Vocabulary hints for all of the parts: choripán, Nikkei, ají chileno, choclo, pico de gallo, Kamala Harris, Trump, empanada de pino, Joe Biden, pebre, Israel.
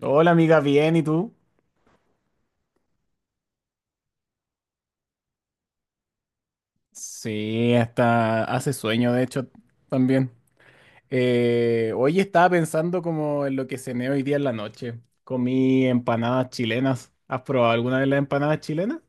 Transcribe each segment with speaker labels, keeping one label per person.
Speaker 1: Hola amiga, bien, ¿y tú? Sí, hasta hace sueño, de hecho, también. Hoy estaba pensando como en lo que cené hoy día en la noche. Comí empanadas chilenas. ¿Has probado alguna de las empanadas chilenas?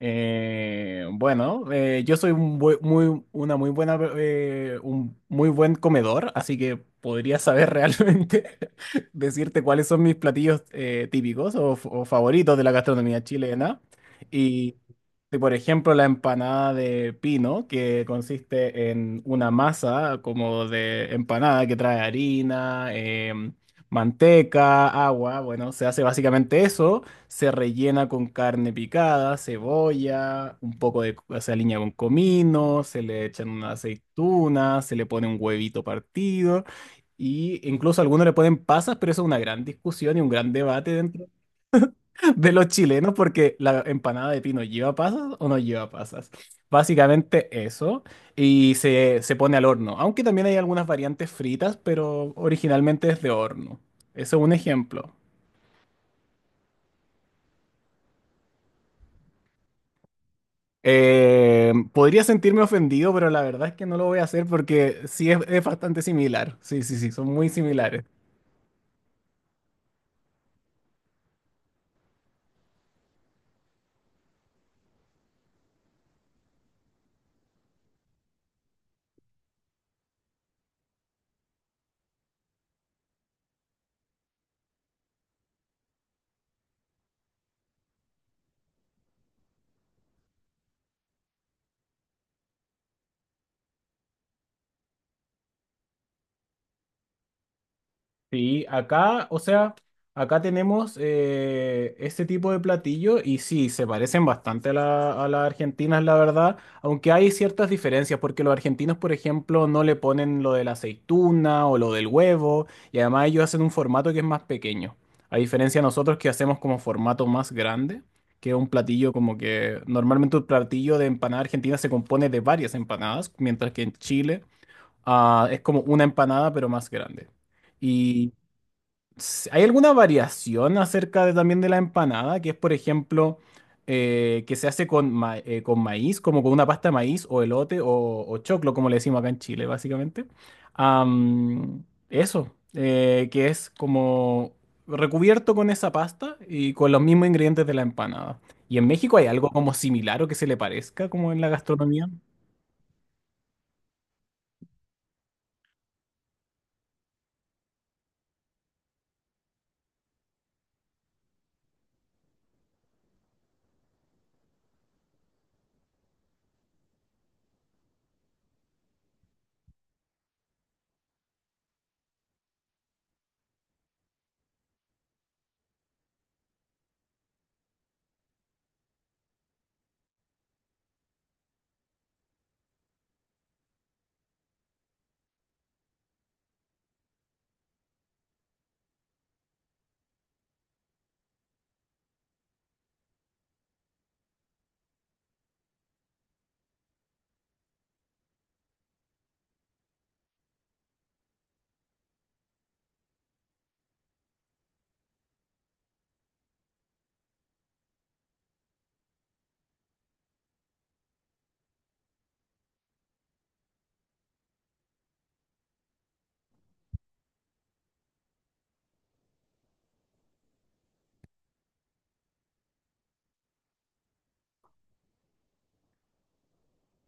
Speaker 1: Bueno, yo soy muy, una muy buena, un muy buen comedor, así que podría saber realmente decirte cuáles son mis platillos típicos o favoritos de la gastronomía chilena. Y, por ejemplo, la empanada de pino, que consiste en una masa como de empanada que trae harina, manteca, agua. Bueno, se hace básicamente eso. Se rellena con carne picada, cebolla, un poco de, se aliña con comino, se le echan una aceituna, se le pone un huevito partido y incluso algunos le ponen pasas, pero eso es una gran discusión y un gran debate dentro de los chilenos porque la empanada de pino lleva pasas o no lleva pasas. Básicamente eso y se pone al horno, aunque también hay algunas variantes fritas, pero originalmente es de horno. Eso es un ejemplo. Podría sentirme ofendido, pero la verdad es que no lo voy a hacer porque sí es bastante similar. Sí, sí, sí, son muy similares. Sí, acá, o sea, acá tenemos este tipo de platillo y sí, se parecen bastante a a las argentinas, la verdad, aunque hay ciertas diferencias, porque los argentinos, por ejemplo, no le ponen lo de la aceituna o lo del huevo, y además ellos hacen un formato que es más pequeño, a diferencia de nosotros que hacemos como formato más grande, que es un platillo como que normalmente un platillo de empanada argentina se compone de varias empanadas, mientras que en Chile ah, es como una empanada pero más grande. Y ¿hay alguna variación acerca de, también de la empanada? Que es, por ejemplo, que se hace con, con maíz, como con una pasta de maíz o elote o choclo, como le decimos acá en Chile, básicamente. Am, eso, que es como recubierto con esa pasta y con los mismos ingredientes de la empanada. ¿Y en México hay algo como similar o que se le parezca como en la gastronomía?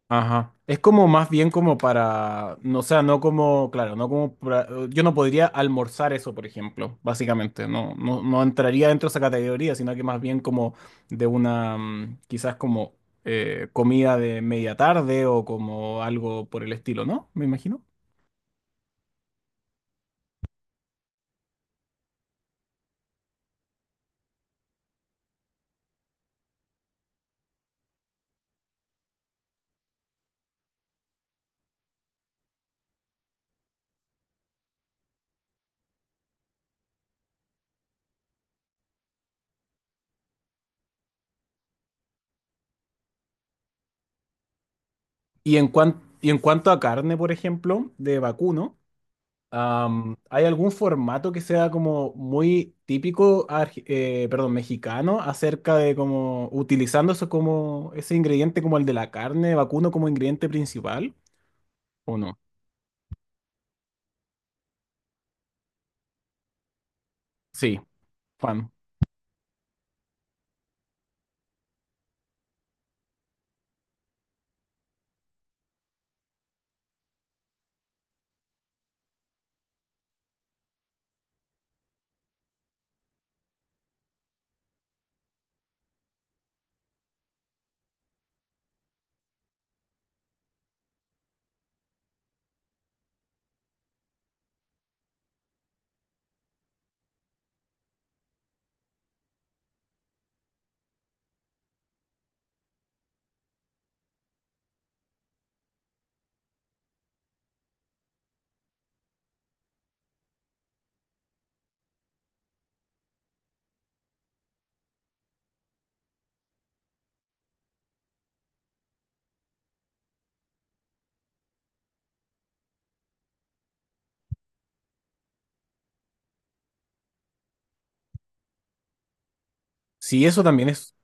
Speaker 1: Ajá. Es como más bien como para, no, o sea, no como, claro, no como, yo no podría almorzar eso, por ejemplo, básicamente, no, no, no entraría dentro de esa categoría, sino que más bien como de una, mm, quizás como comida de media tarde o como algo por el estilo, ¿no? Me imagino. Y y en cuanto a carne, por ejemplo, de vacuno. ¿Hay algún formato que sea como muy típico, perdón, mexicano, acerca de como utilizando eso como ese ingrediente como el de la carne vacuno como ingrediente principal? ¿O no? Sí, fan. Sí, eso también es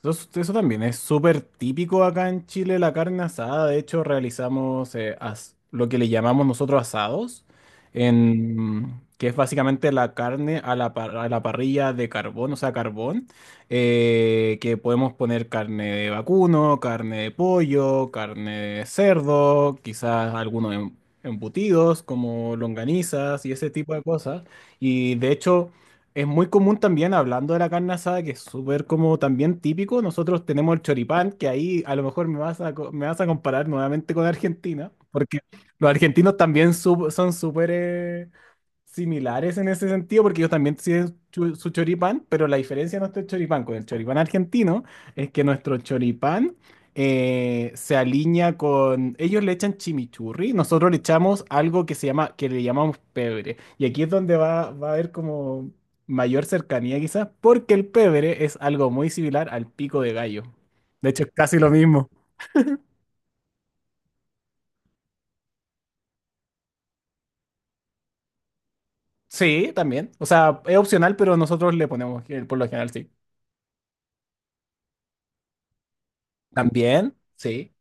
Speaker 1: eso, eso también es súper típico acá en Chile, la carne asada. De hecho, realizamos lo que le llamamos nosotros asados, en, que es básicamente la carne a a la parrilla de carbón, o sea, carbón, que podemos poner carne de vacuno, carne de pollo, carne de cerdo, quizás algunos embutidos como longanizas y ese tipo de cosas. Y de hecho… Es muy común también, hablando de la carne asada, que es súper como también típico, nosotros tenemos el choripán, que ahí a lo mejor me vas me vas a comparar nuevamente con Argentina, porque los argentinos también son súper similares en ese sentido, porque ellos también tienen su choripán, pero la diferencia de nuestro choripán con el choripán argentino es que nuestro choripán se alinea con… Ellos le echan chimichurri, nosotros le echamos algo que se llama, que le llamamos pebre. Y aquí es donde va a haber como mayor cercanía quizás, porque el pebre es algo muy similar al pico de gallo. De hecho, es casi lo mismo. Sí, también. O sea, es opcional, pero nosotros le ponemos, por lo general, sí. También, sí.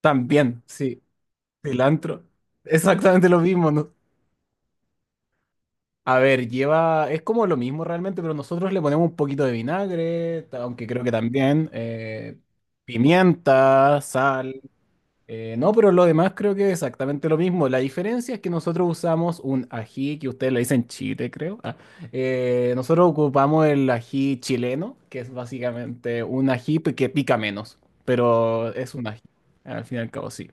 Speaker 1: También, sí, cilantro. Exactamente lo mismo, ¿no? A ver, lleva, es como lo mismo realmente, pero nosotros le ponemos un poquito de vinagre, aunque creo que también pimienta, sal. No, pero lo demás creo que es exactamente lo mismo. La diferencia es que nosotros usamos un ají, que ustedes le dicen chile, creo. Ah, nosotros ocupamos el ají chileno, que es básicamente un ají que pica menos, pero es un ají, al fin y al cabo, sí.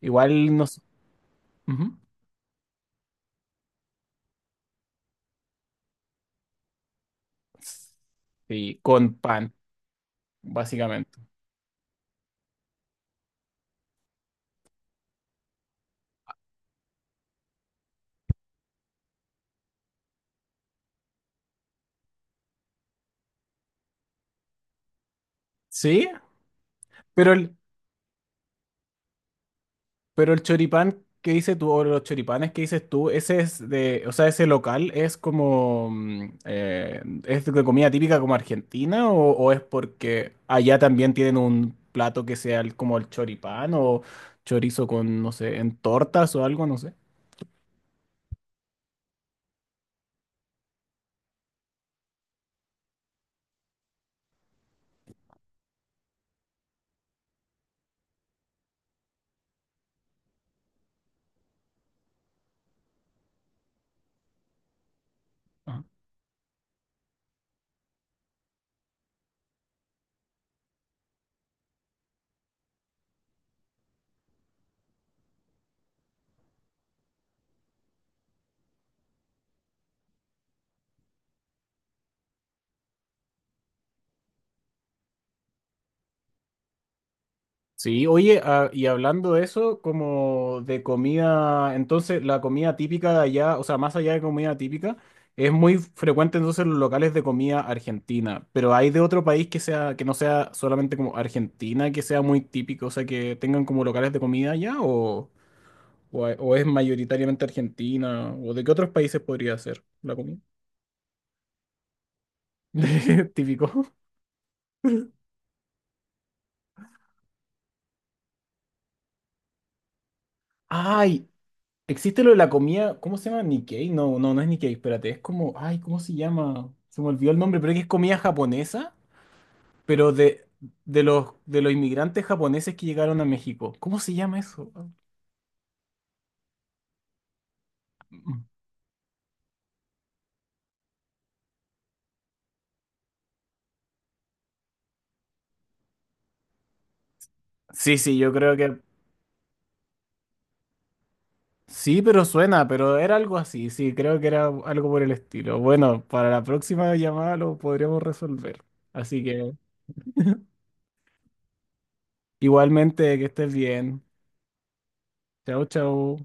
Speaker 1: Igual nos… Ujú. Sí, con pan, básicamente. Sí, pero pero el choripán que dices tú, o los choripanes que dices tú, ese es de, o sea, ese local es como, mm, es de comida típica como argentina, o es porque allá también tienen un plato que sea como el choripán o chorizo con, no sé, en tortas o algo, no sé. Ah. Sí, oye, ah, y hablando de eso, como de comida, entonces la comida típica de allá, o sea, más allá de comida típica, es muy frecuente entonces en los locales de comida argentina, pero hay de otro país que sea, que no sea solamente como Argentina, que sea muy típico, o sea, que tengan como locales de comida allá, o es mayoritariamente Argentina, o de qué otros países podría ser la comida típico. Ay, existe lo de la comida, ¿cómo se llama? Nikkei. No, no, no es Nikkei, espérate. Es como, ay, ¿cómo se llama? Se me olvidó el nombre, pero es que es comida japonesa, pero de, de los inmigrantes japoneses que llegaron a México. ¿Cómo se llama eso? Sí, sí, yo creo que sí, pero suena, pero era algo así. Sí, creo que era algo por el estilo. Bueno, para la próxima llamada lo podríamos resolver. Así que igualmente, que estés bien. Chao, chao.